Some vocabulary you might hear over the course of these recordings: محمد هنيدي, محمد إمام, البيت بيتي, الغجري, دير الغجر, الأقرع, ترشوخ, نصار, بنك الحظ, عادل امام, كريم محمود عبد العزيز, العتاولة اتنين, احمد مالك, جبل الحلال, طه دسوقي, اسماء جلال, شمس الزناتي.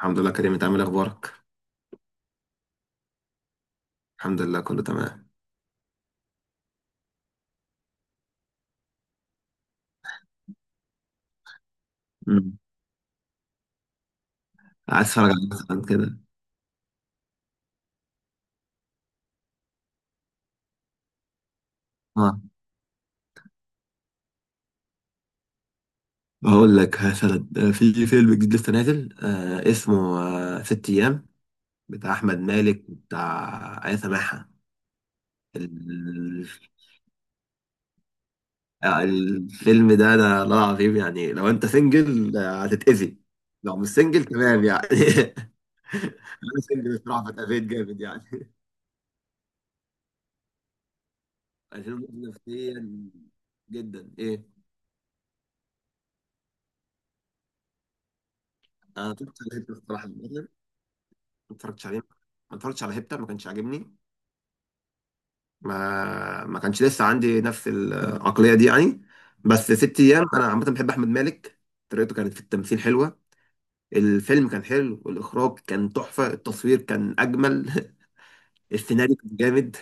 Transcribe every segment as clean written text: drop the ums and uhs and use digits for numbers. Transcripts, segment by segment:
الحمد لله كريم، انت عامل ايه؟ اخبارك؟ الحمد لله، كله تمام. مم. عايز اتفرج على مثلا كده. اه، بقول لك مثلا، في فيلم جديد لسه نازل، اسمه ست ايام، بتاع احمد مالك وبتاع ايه، سماحه. ال- الفيلم ده، انا لا العظيم يعني لو انت سنجل هتتاذي. لو مش سنجل تمام يعني. انا سنجل بصراحه، فاتاذيت جامد يعني. عشان مريض نفسيا جدا، ايه. انا طفت عليك الصراحه، ما اتفرجتش عليه. ما اتفرجتش على هيبتا، ما كانش عاجبني. ما كانش لسه عندي نفس العقلية دي يعني. بس ست ايام، انا عامة بحب احمد مالك. طريقته كانت في التمثيل حلوة. الفيلم كان حلو، والاخراج كان تحفة، التصوير كان اجمل. السيناريو كان جامد.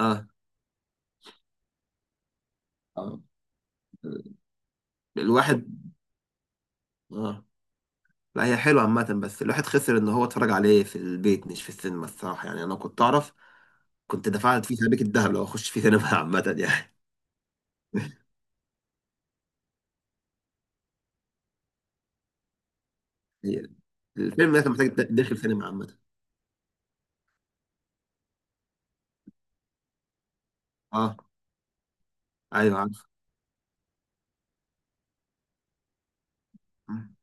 اه. آه. الواحد. اه، لا هي حلوة عامة، بس الواحد خسر ان هو اتفرج عليه في البيت مش في السينما الصراحة يعني، انا كنت اعرف كنت دفعت فيه سبيك الذهب لو اخش فيه سينما. عامة يعني. هي- الفيلم ده كان محتاج داخل سينما، عامة. اه. ايوه عارف. مم.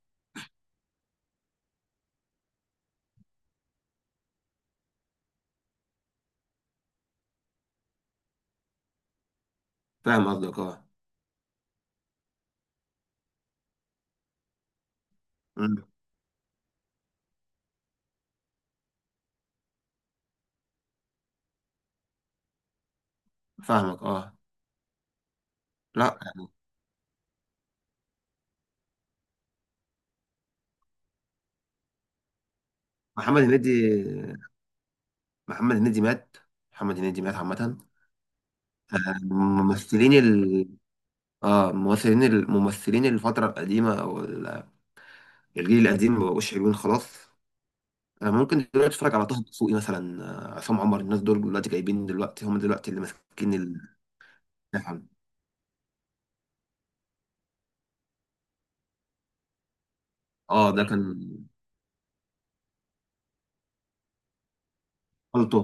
فاهم قصدك، اه. مم. فاهمك، اه. لا، محمد هنيدي، محمد هنيدي مات. محمد هنيدي مات، عامة. ممثلين اه ممثلين الممثلين الفترة القديمة، الجيل القديم ما بقوش حلوين خلاص. ممكن دلوقتي اتفرج على طه دسوقي مثلا. عصام عمر، الناس دول دلوقتي جايبين، دلوقتي هم دلوقتي اللي ماسكين اه ده كان خلطه.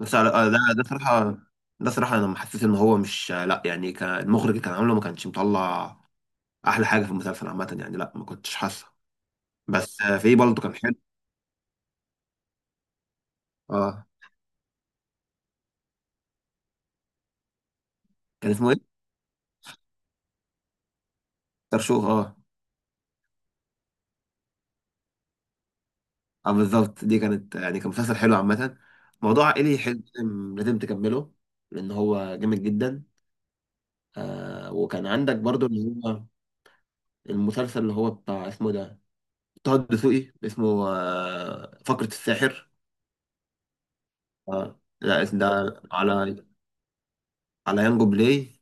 ده صراحة، أنا حسيت إن هو مش لأ يعني، كان المخرج اللي كان عامله ما كانش مطلع أحلى حاجة في المسلسل عامة يعني، لأ ما كنتش حاسه. بس في برضه كان حلو. أه. كان اسمه إيه؟ ترشوخ، أه. أه بالظبط، دي كانت يعني كان مسلسل حلو عامة. موضوع عائلي حلو، لازم لازم تكمله. لأن هو جامد جدا. وكان عندك برضه اللي هو المسلسل اللي هو بتاع، اسمه إيه ده؟ طه الدسوقي اسمه فقرة الساحر. أه، لا ده على، على يانجو بلاي.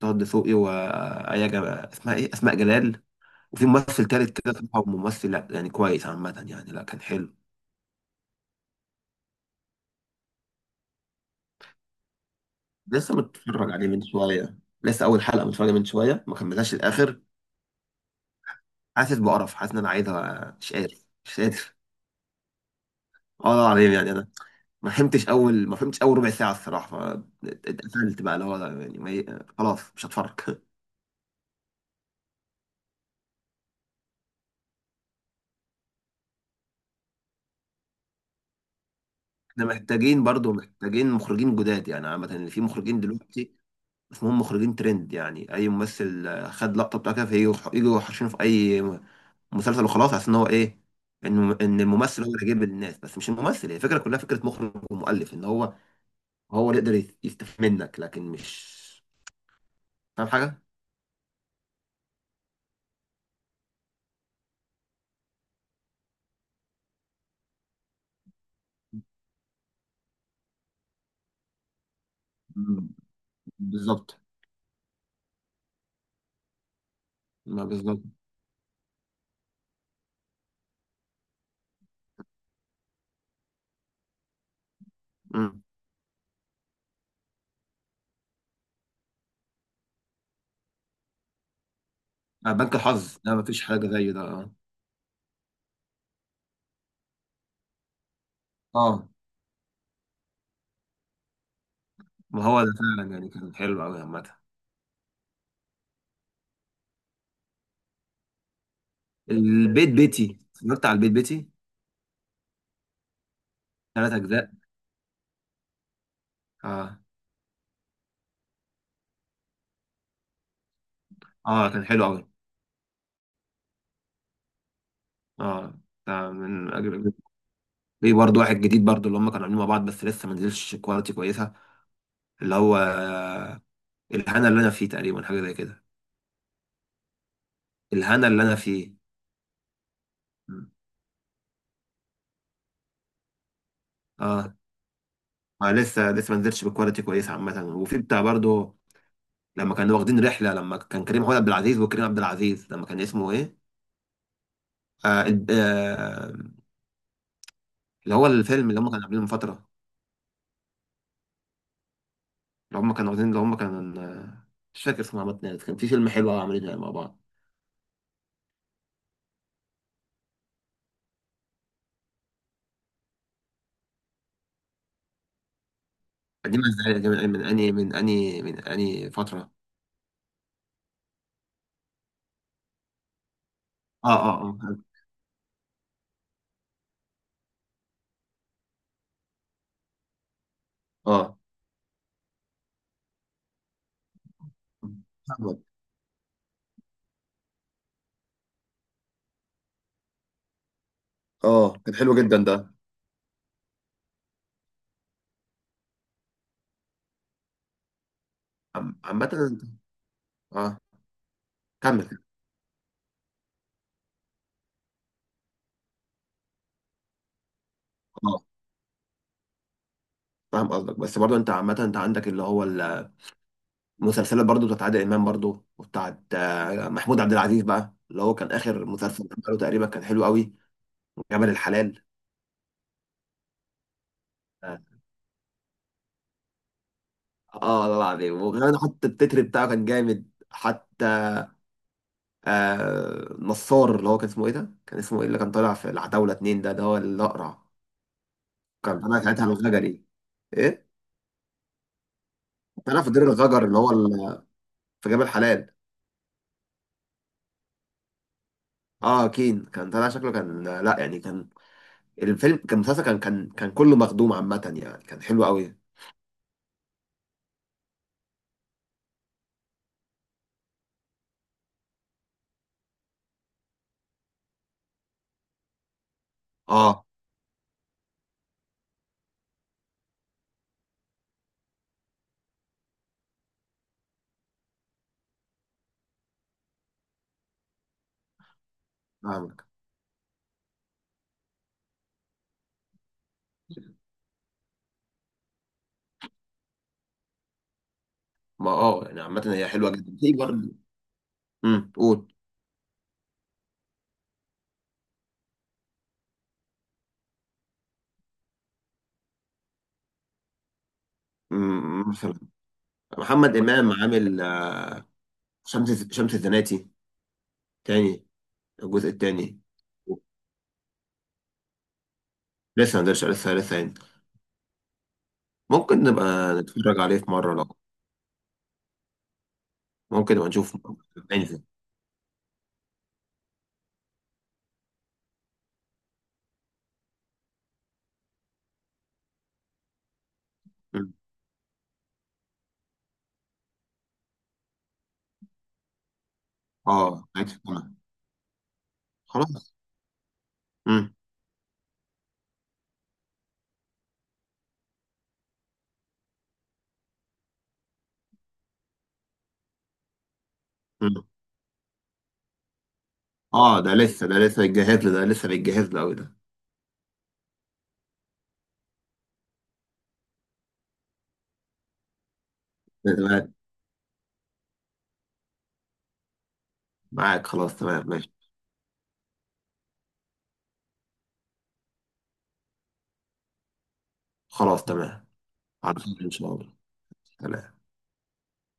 طه دسوقي وآية جب... اسمها ايه، اسماء جلال. وفي ممثل تالت كده صراحة، ممثل لا يعني كويس عامة يعني، لا كان حلو. لسه متفرج عليه من شوية. لسه أول حلقة متفرج عليه من شوية، ما كملتهاش الآخر. حاسس بقرف، حاسس إن أنا عايزها، مش قادر، مش قادر. اه العظيم يعني، أنا ما فهمتش أول ربع ساعة الصراحة. اتقفلت بقى اللي هو يعني، ما... ي- خلاص مش هتفرج. احنا محتاجين برضو، محتاجين مخرجين جداد يعني، عامة اللي في مخرجين دلوقتي اسمهم مخرجين ترند يعني. اي ممثل خد لقطه بتاعته، فيجوا حاشينه في اي مسلسل وخلاص، عشان ان هو ايه، انه ان الممثل هو اللي جايب الناس، بس مش الممثل، هي الفكره كلها فكره مخرج ومؤلف، ان هو اللي يقدر يستفيد منك، لكن مش فاهم حاجه. مم. بالظبط. ما بالظبط. مم. بنك الحظ ده ما فيش حاجه زيه، ده، اه. آه. ما هو ده فعلا يعني كان حلو قوي، عامه. البيت بيتي، اتفرجت على البيت بيتي 3 اجزاء. اه. اه كان حلو قوي. اه. ده من اجل. في برضه واحد جديد برضه اللي هم كانوا عاملين مع بعض، بس لسه ما نزلش كواليتي كويسه، اللي هو الهنا اللي انا فيه تقريبا، حاجه زي كده. الهنا اللي انا فيه. مم. اه. ما لسه ما نزلش بكواليتي كويسه عامه. وفي بتاع برضه، لما كانوا واخدين رحله، لما كان كريم محمود عبد العزيز وكريم عبد العزيز، لما كان اسمه ايه؟ آه الب- آه، اللي هو الفيلم اللي هم كانوا عاملينه من فتره، اللي هم كانوا واخدين، اللي هم كانوا مش فاكر اسمه عامة يعني. كان في فيلم حلو أوي عاملينه مع بعض. قديم ازاي؟ من اني فتره؟ اه، اه، اه. اه، فاهمك، اه، كان حلو جدا ده. عامة انت، اه، كمل. اه، فاهم قصدك، بس برضه انت عامة، انت عندك اللي هو المسلسلات برضه بتاعت عادل امام، برضه وبتاعت محمود عبد العزيز، بقى اللي هو كان اخر مسلسل عمله تقريبا، كان حلو قوي. جبل الحلال. اه. والله العظيم، وكمان حتى التتر بتاعه كان جامد حتى. آه نصار، اللي هو كان اسمه ايه ده؟ كان اسمه ايه اللي كان طالع في العتاولة 2؟ ده هو الأقرع. كان طالع ساعتها الغجري، ايه؟ طالع في دير الغجر، اللي هو في جبل الحلال. اه كين، كان طالع شكله كان لا يعني كان. الفيلم كان مسلسل، كان كله مخدوم عامة يعني، كان حلو قوي. اه فاهمك. ما اه يعني عامة، هي حلوة جدا، في برضه. قول. مثلا، محمد إمام عامل شمس الزناتي تاني، الجزء التاني. لسه ما نزلش، لسه يعني. ممكن نبقى نتفرج عليه في مرة لو. ممكن نبقى نشوف، ننزل. أمم. اه عادي. تمام. خلاص. امم. أمم. اه، ده لسه، ده لسه بيتجهز له، ده لسه بيتجهز له قوي. ده، معاك، خلاص تمام ماشي. خلاص تمام. على خير إن شاء الله. سلام.